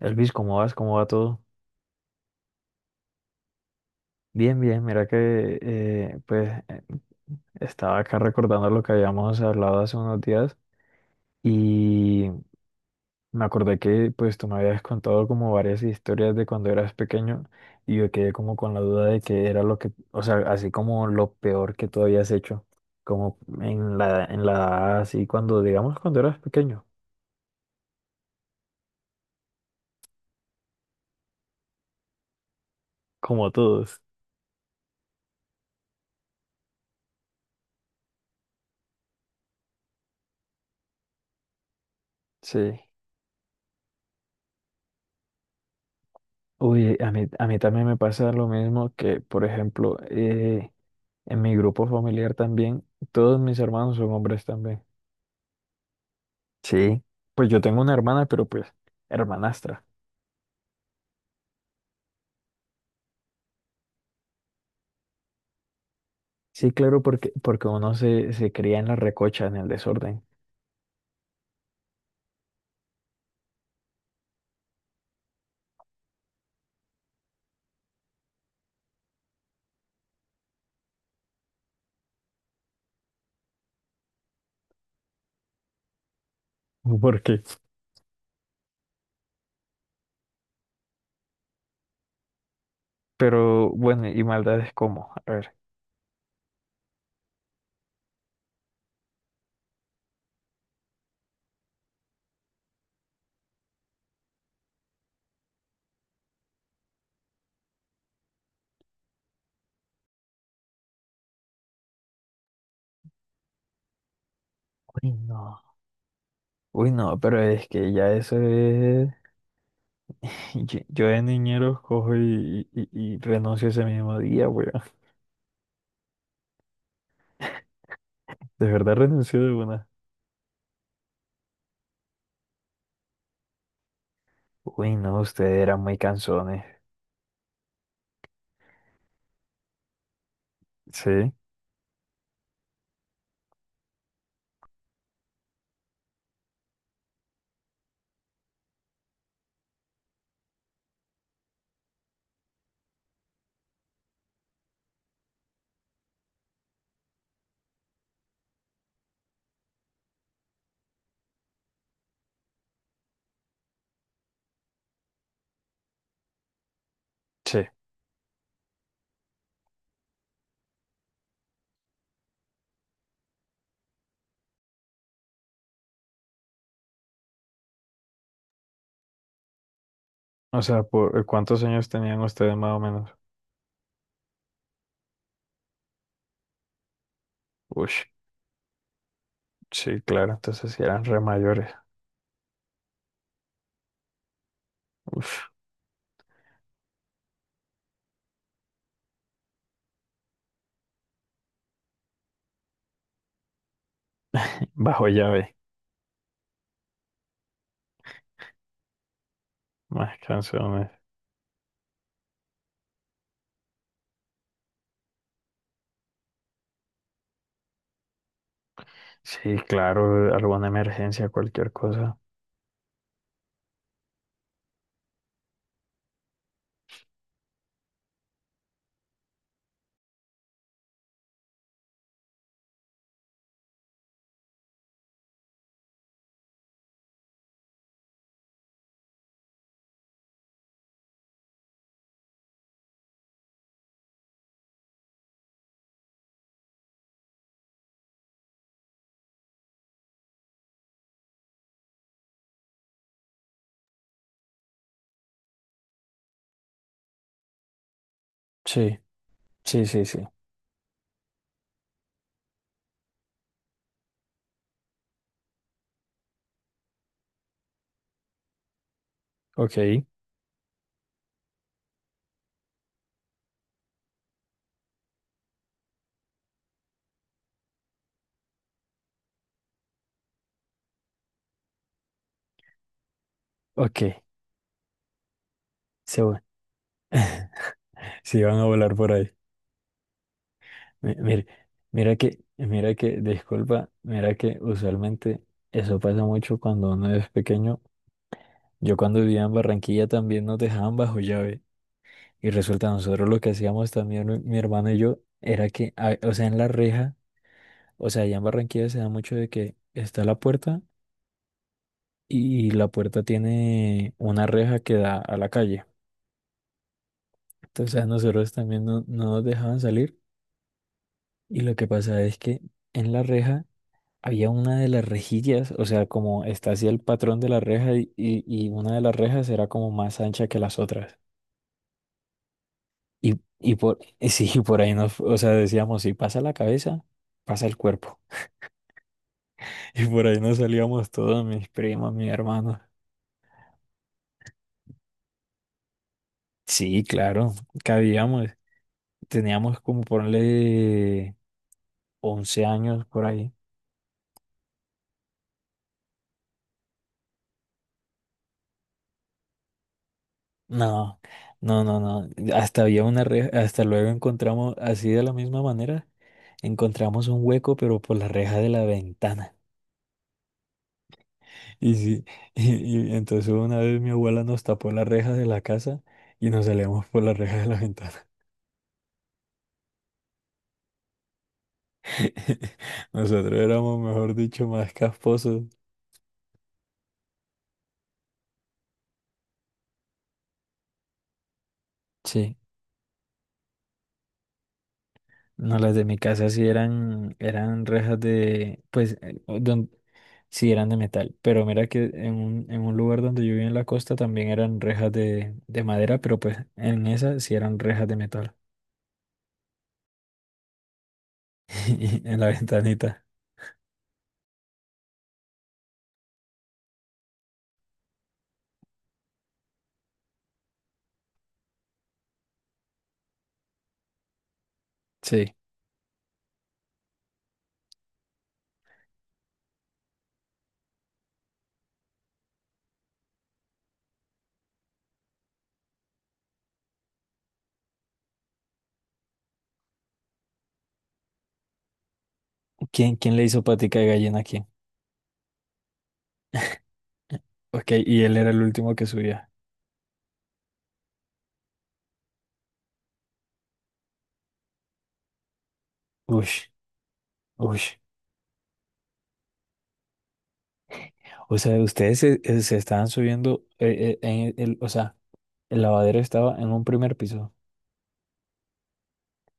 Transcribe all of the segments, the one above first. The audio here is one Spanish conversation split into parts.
Elvis, ¿cómo vas? ¿Cómo va todo? Bien, bien, mira que pues estaba acá recordando lo que habíamos hablado hace unos días y me acordé que pues tú me habías contado como varias historias de cuando eras pequeño. Y yo quedé como con la duda de qué era lo que, o sea, así como lo peor que tú habías hecho, como en la edad así cuando, digamos, cuando eras pequeño, como todos. Sí. Uy, a mí también me pasa lo mismo que, por ejemplo, en mi grupo familiar también, todos mis hermanos son hombres también. Sí, pues yo tengo una hermana, pero pues hermanastra. Sí, claro, porque, porque uno se cría en la recocha, en el desorden. porque pero bueno, ¿y maldades cómo? A ver. Uy, no. Uy, no, pero es que ya eso es... Yo de niñero cojo y renuncio ese mismo día, weón. De verdad renuncio de una. Uy, no, ustedes eran muy cansones. Sí. Sí. O sea, ¿por cuántos años tenían ustedes más o menos? Ush, sí, claro, entonces sí eran re mayores. Uf, bajo llave, más canciones. Sí, claro, alguna emergencia, cualquier cosa. Sí, sí. Ok, ok, se va. Sí, van a volar por ahí. Mire, disculpa, mira que usualmente eso pasa mucho cuando uno es pequeño. Yo cuando vivía en Barranquilla también nos dejaban bajo llave. Y resulta, nosotros lo que hacíamos también, mi hermano y yo, era que, o sea, en la reja, o sea, allá en Barranquilla se da mucho de que está la puerta y la puerta tiene una reja que da a la calle. Entonces a nosotros también no nos dejaban salir. Y lo que pasa es que en la reja había una de las rejillas, o sea, como está así el patrón de la reja y una de las rejas era como más ancha que las otras. Y sí, por ahí nos, o sea, decíamos, si pasa la cabeza, pasa el cuerpo. Y por ahí nos salíamos todos, mis primos, mis hermanos. Sí, claro, cabíamos. Teníamos como ponerle 11 años por ahí. No, no, no, no. Hasta había una reja, hasta luego encontramos, así de la misma manera, encontramos un hueco, pero por la reja de la ventana. Y sí, y entonces una vez mi abuela nos tapó la reja de la casa y nos salíamos por la reja de la ventana. Nosotros éramos, mejor dicho, más casposos. Sí. No, las de mi casa sí eran, eran rejas de, pues, sí eran de metal, pero mira que en en un lugar donde yo vivía en la costa también eran rejas de madera, pero pues en esa sí eran rejas de metal, en la ventanita. Sí. ¿Quién, quién le hizo patica de gallina a quién? Ok, y él era el último que subía. Ush, ush. O sea, ustedes se, se estaban subiendo, en o sea, el lavadero estaba en un primer piso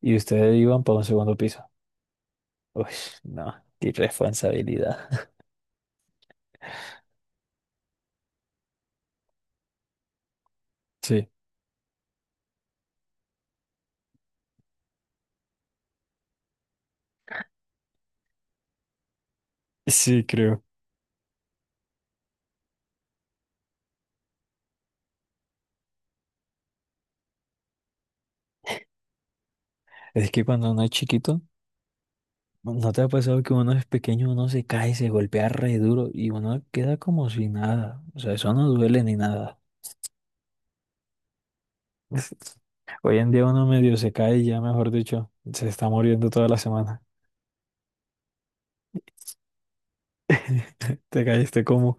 y ustedes iban para un segundo piso. Uy, no, qué irresponsabilidad. Sí, sí, creo. Es que cuando uno es chiquito, no te ha pasado que uno es pequeño, uno se cae, se golpea re duro y uno queda como si nada? O sea, eso no duele ni nada. Hoy en día uno medio se cae y ya, mejor dicho, se está muriendo toda la semana. Te caíste como...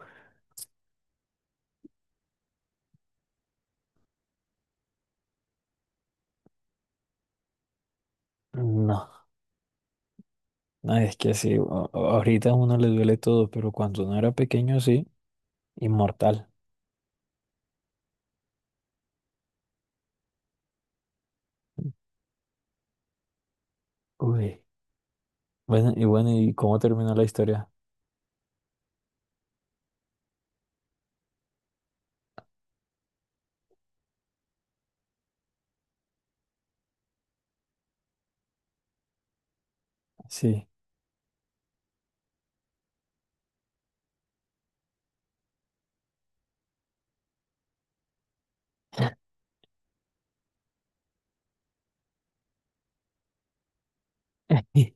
No, no, es que sí, ahorita a uno le duele todo, pero cuando uno era pequeño, sí, inmortal. Uy. Bueno, y bueno, ¿y cómo terminó la historia? Sí.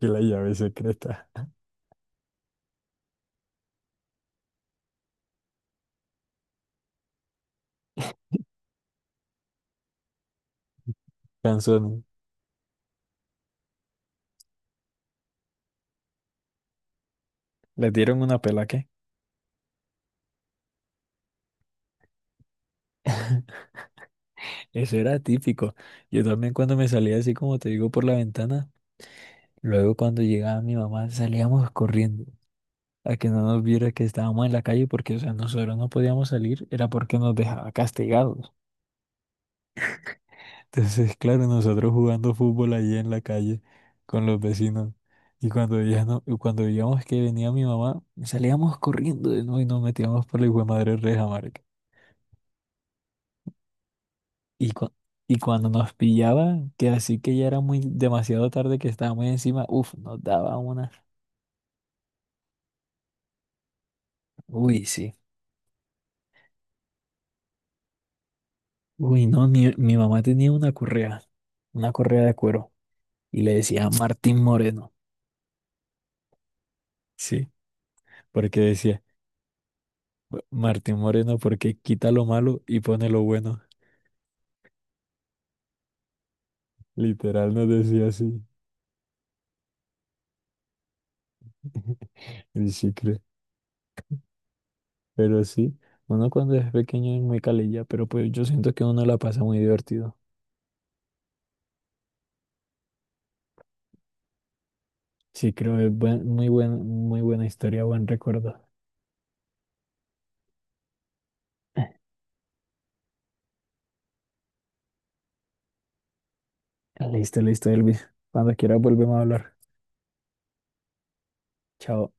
Que la llave secreta. Canzón. Le dieron una pela qué. Eso era típico. Yo también cuando me salía así como te digo por la ventana, luego cuando llegaba mi mamá salíamos corriendo a que no nos viera que estábamos en la calle porque, o sea, nosotros no podíamos salir, era porque nos dejaba castigados. Entonces, claro, nosotros jugando fútbol ahí en la calle con los vecinos. Y cuando veíamos que venía mi mamá, salíamos corriendo de nuevo y nos metíamos por la hijo de madre reja, marica. Y, cu- y cuando nos pillaban, que así que ya era muy demasiado tarde que estábamos encima, uff, nos daba una. Uy, sí. Uy, no, mi mamá tenía una correa de cuero, y le decía Martín Moreno. Sí, porque decía: Martín Moreno porque quita lo malo y pone lo bueno." Literal nos decía así. El chicle. Pero sí, uno cuando es pequeño es muy calilla, pero pues yo siento que uno la pasa muy divertido. Sí, creo que es muy buen, muy buena historia, buen recuerdo. Listo, listo, Elvis. Cuando quiera volvemos a hablar. Chao.